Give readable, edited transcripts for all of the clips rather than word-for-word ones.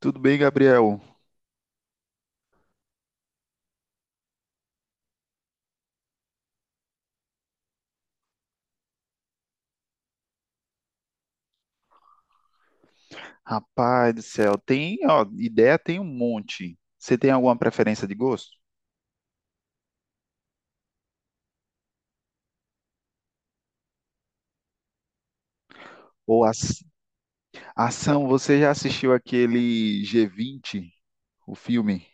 Tudo bem, Gabriel? Rapaz do céu, tem, ó, ideia tem um monte. Você tem alguma preferência de gosto? Ou as- Ação, você já assistiu aquele G20, o filme?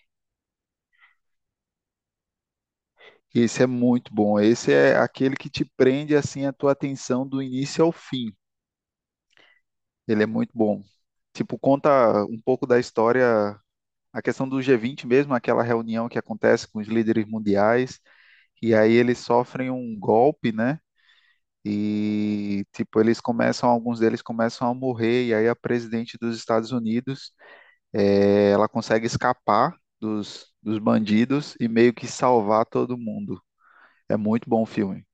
Esse é muito bom. Esse é aquele que te prende assim a tua atenção do início ao fim. Ele é muito bom. Tipo, conta um pouco da história, a questão do G20 mesmo, aquela reunião que acontece com os líderes mundiais, e aí eles sofrem um golpe, né? E, tipo, eles começam, alguns deles começam a morrer, e aí a presidente dos Estados Unidos, ela consegue escapar dos bandidos e meio que salvar todo mundo. É muito bom o filme.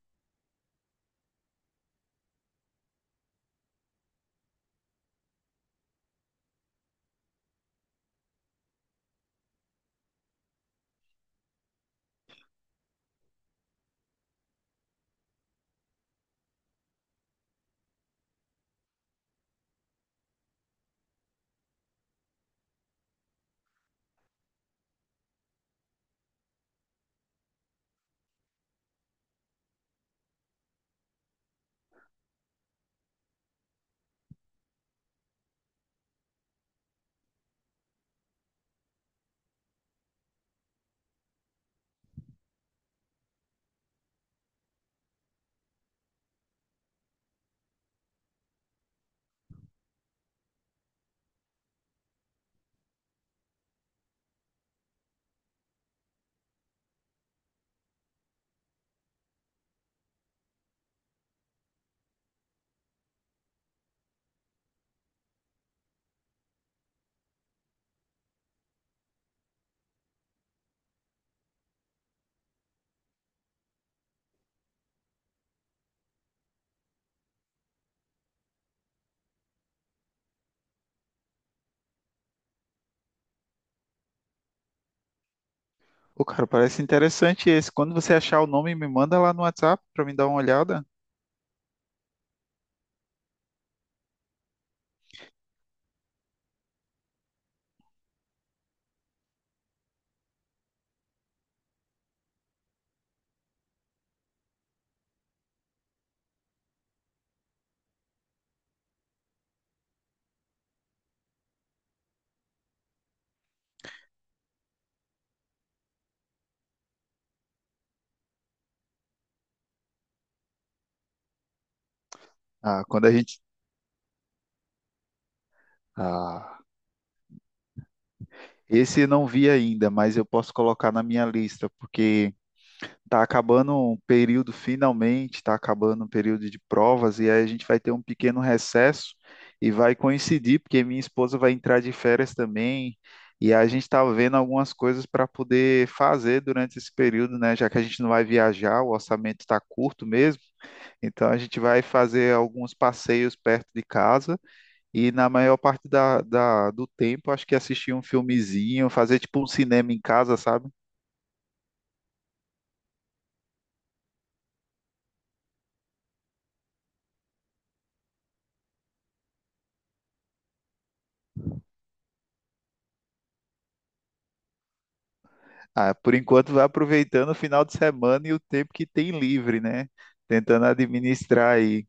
Ô, cara, parece interessante esse. Quando você achar o nome, me manda lá no WhatsApp pra me dar uma olhada. Ah, quando a gente... Ah, esse eu não vi ainda, mas eu posso colocar na minha lista, porque... Tá acabando um período finalmente, tá acabando um período de provas, e aí a gente vai ter um pequeno recesso e vai coincidir, porque minha esposa vai entrar de férias também, e a gente está vendo algumas coisas para poder fazer durante esse período, né? Já que a gente não vai viajar, o orçamento está curto mesmo, então a gente vai fazer alguns passeios perto de casa e na maior parte do tempo, acho que assistir um filmezinho, fazer tipo um cinema em casa, sabe? Ah, por enquanto vai aproveitando o final de semana e o tempo que tem livre, né? Tentando administrar aí.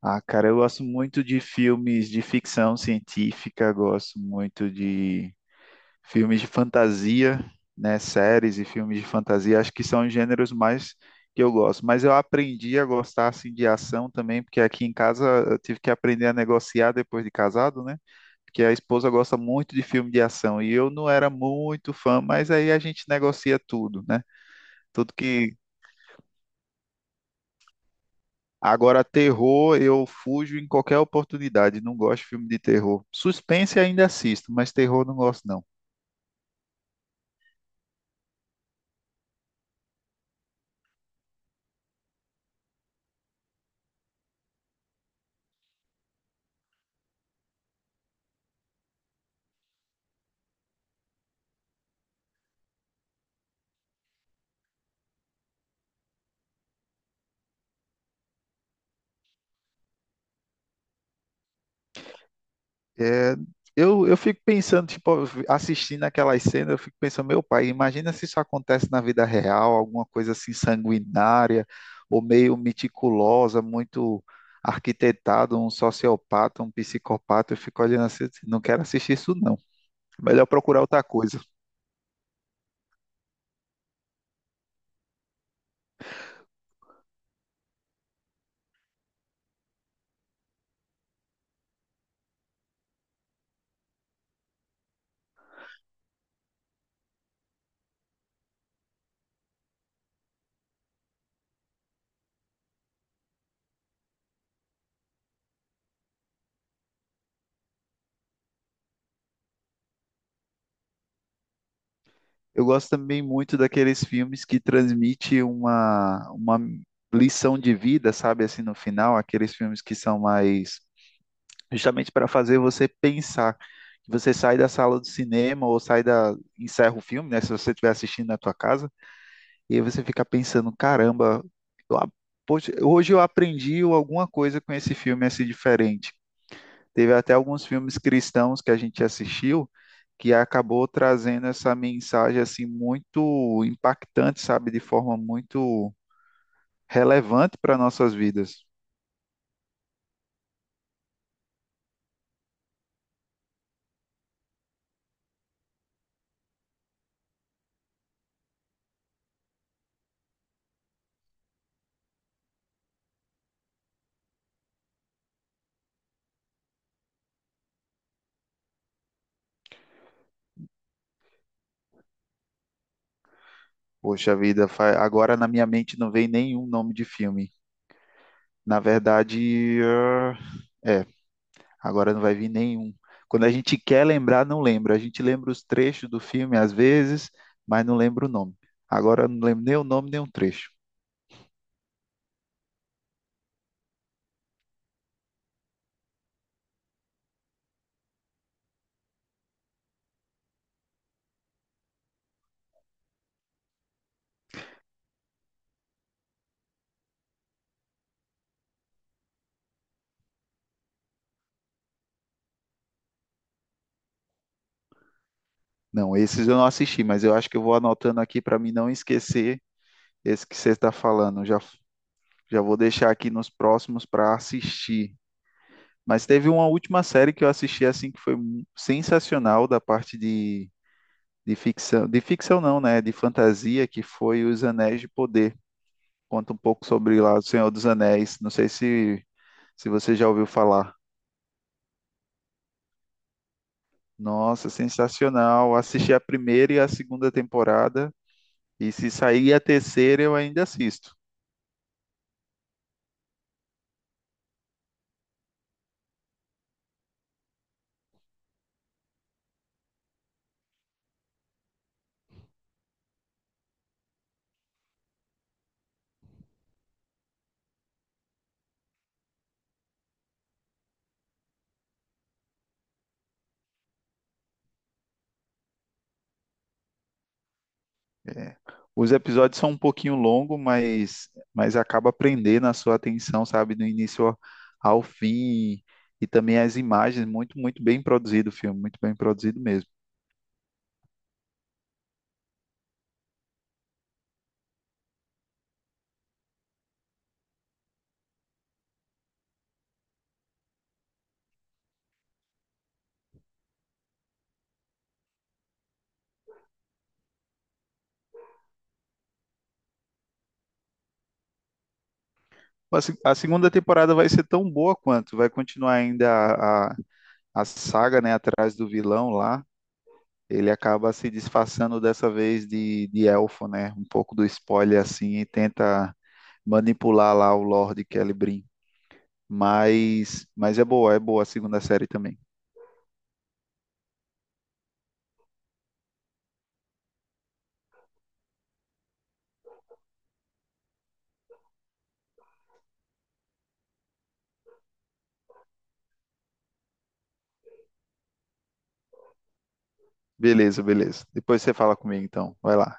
Ah, cara, eu gosto muito de filmes de ficção científica, gosto muito de filmes de fantasia, né? Séries e filmes de fantasia, acho que são os gêneros mais que eu gosto. Mas eu aprendi a gostar assim de ação também, porque aqui em casa eu tive que aprender a negociar depois de casado, né? Porque a esposa gosta muito de filme de ação e eu não era muito fã, mas aí a gente negocia tudo, né? Tudo que Agora, terror, eu fujo em qualquer oportunidade, não gosto de filme de terror. Suspense ainda assisto, mas terror não gosto, não. É, eu fico pensando, tipo, assistindo aquelas cenas, eu fico pensando, meu pai, imagina se isso acontece na vida real, alguma coisa assim sanguinária, ou meio meticulosa, muito arquitetado, um sociopata, um psicopata, eu fico olhando assim, não quero assistir isso não. Melhor procurar outra coisa. Eu gosto também muito daqueles filmes que transmitem uma lição de vida, sabe, assim, no final, aqueles filmes que são mais justamente para fazer você pensar. Que Você sai da sala do cinema ou sai da, encerra o filme, né? Se você estiver assistindo na tua casa, e aí você fica pensando, caramba, eu a- poxa, hoje eu aprendi alguma coisa com esse filme assim diferente. Teve até alguns filmes cristãos que a gente assistiu que acabou trazendo essa mensagem assim muito impactante, sabe, de forma muito relevante para nossas vidas. Poxa vida, agora na minha mente não vem nenhum nome de filme. Na verdade, é, agora não vai vir nenhum. Quando a gente quer lembrar, não lembra. A gente lembra os trechos do filme às vezes, mas não lembra o nome. Agora eu não lembro nem o nome, nem o trecho. Não, esses eu não assisti, mas eu acho que eu vou anotando aqui para mim não esquecer esse que você está falando. Já vou deixar aqui nos próximos para assistir. Mas teve uma última série que eu assisti assim que foi sensacional da parte de ficção não, né, de fantasia, que foi Os Anéis de Poder. Conta um pouco sobre lá O Senhor dos Anéis. Não sei se, se você já ouviu falar. Nossa, sensacional. Assisti a primeira e a segunda temporada. E se sair a terceira, eu ainda assisto. É, os episódios são um pouquinho longos, mas acaba prendendo a sua atenção, sabe? Do início ao fim. E também as imagens. Muito, muito bem produzido o filme. Muito bem produzido mesmo. A se- A segunda temporada vai ser tão boa quanto. Vai continuar ainda a saga, né? Atrás do vilão lá ele acaba se disfarçando dessa vez de elfo, né? Um pouco do spoiler assim e tenta manipular lá o Lord Celebrim. Mas é boa a segunda série também. Beleza, beleza. Depois você fala comigo então. Vai lá.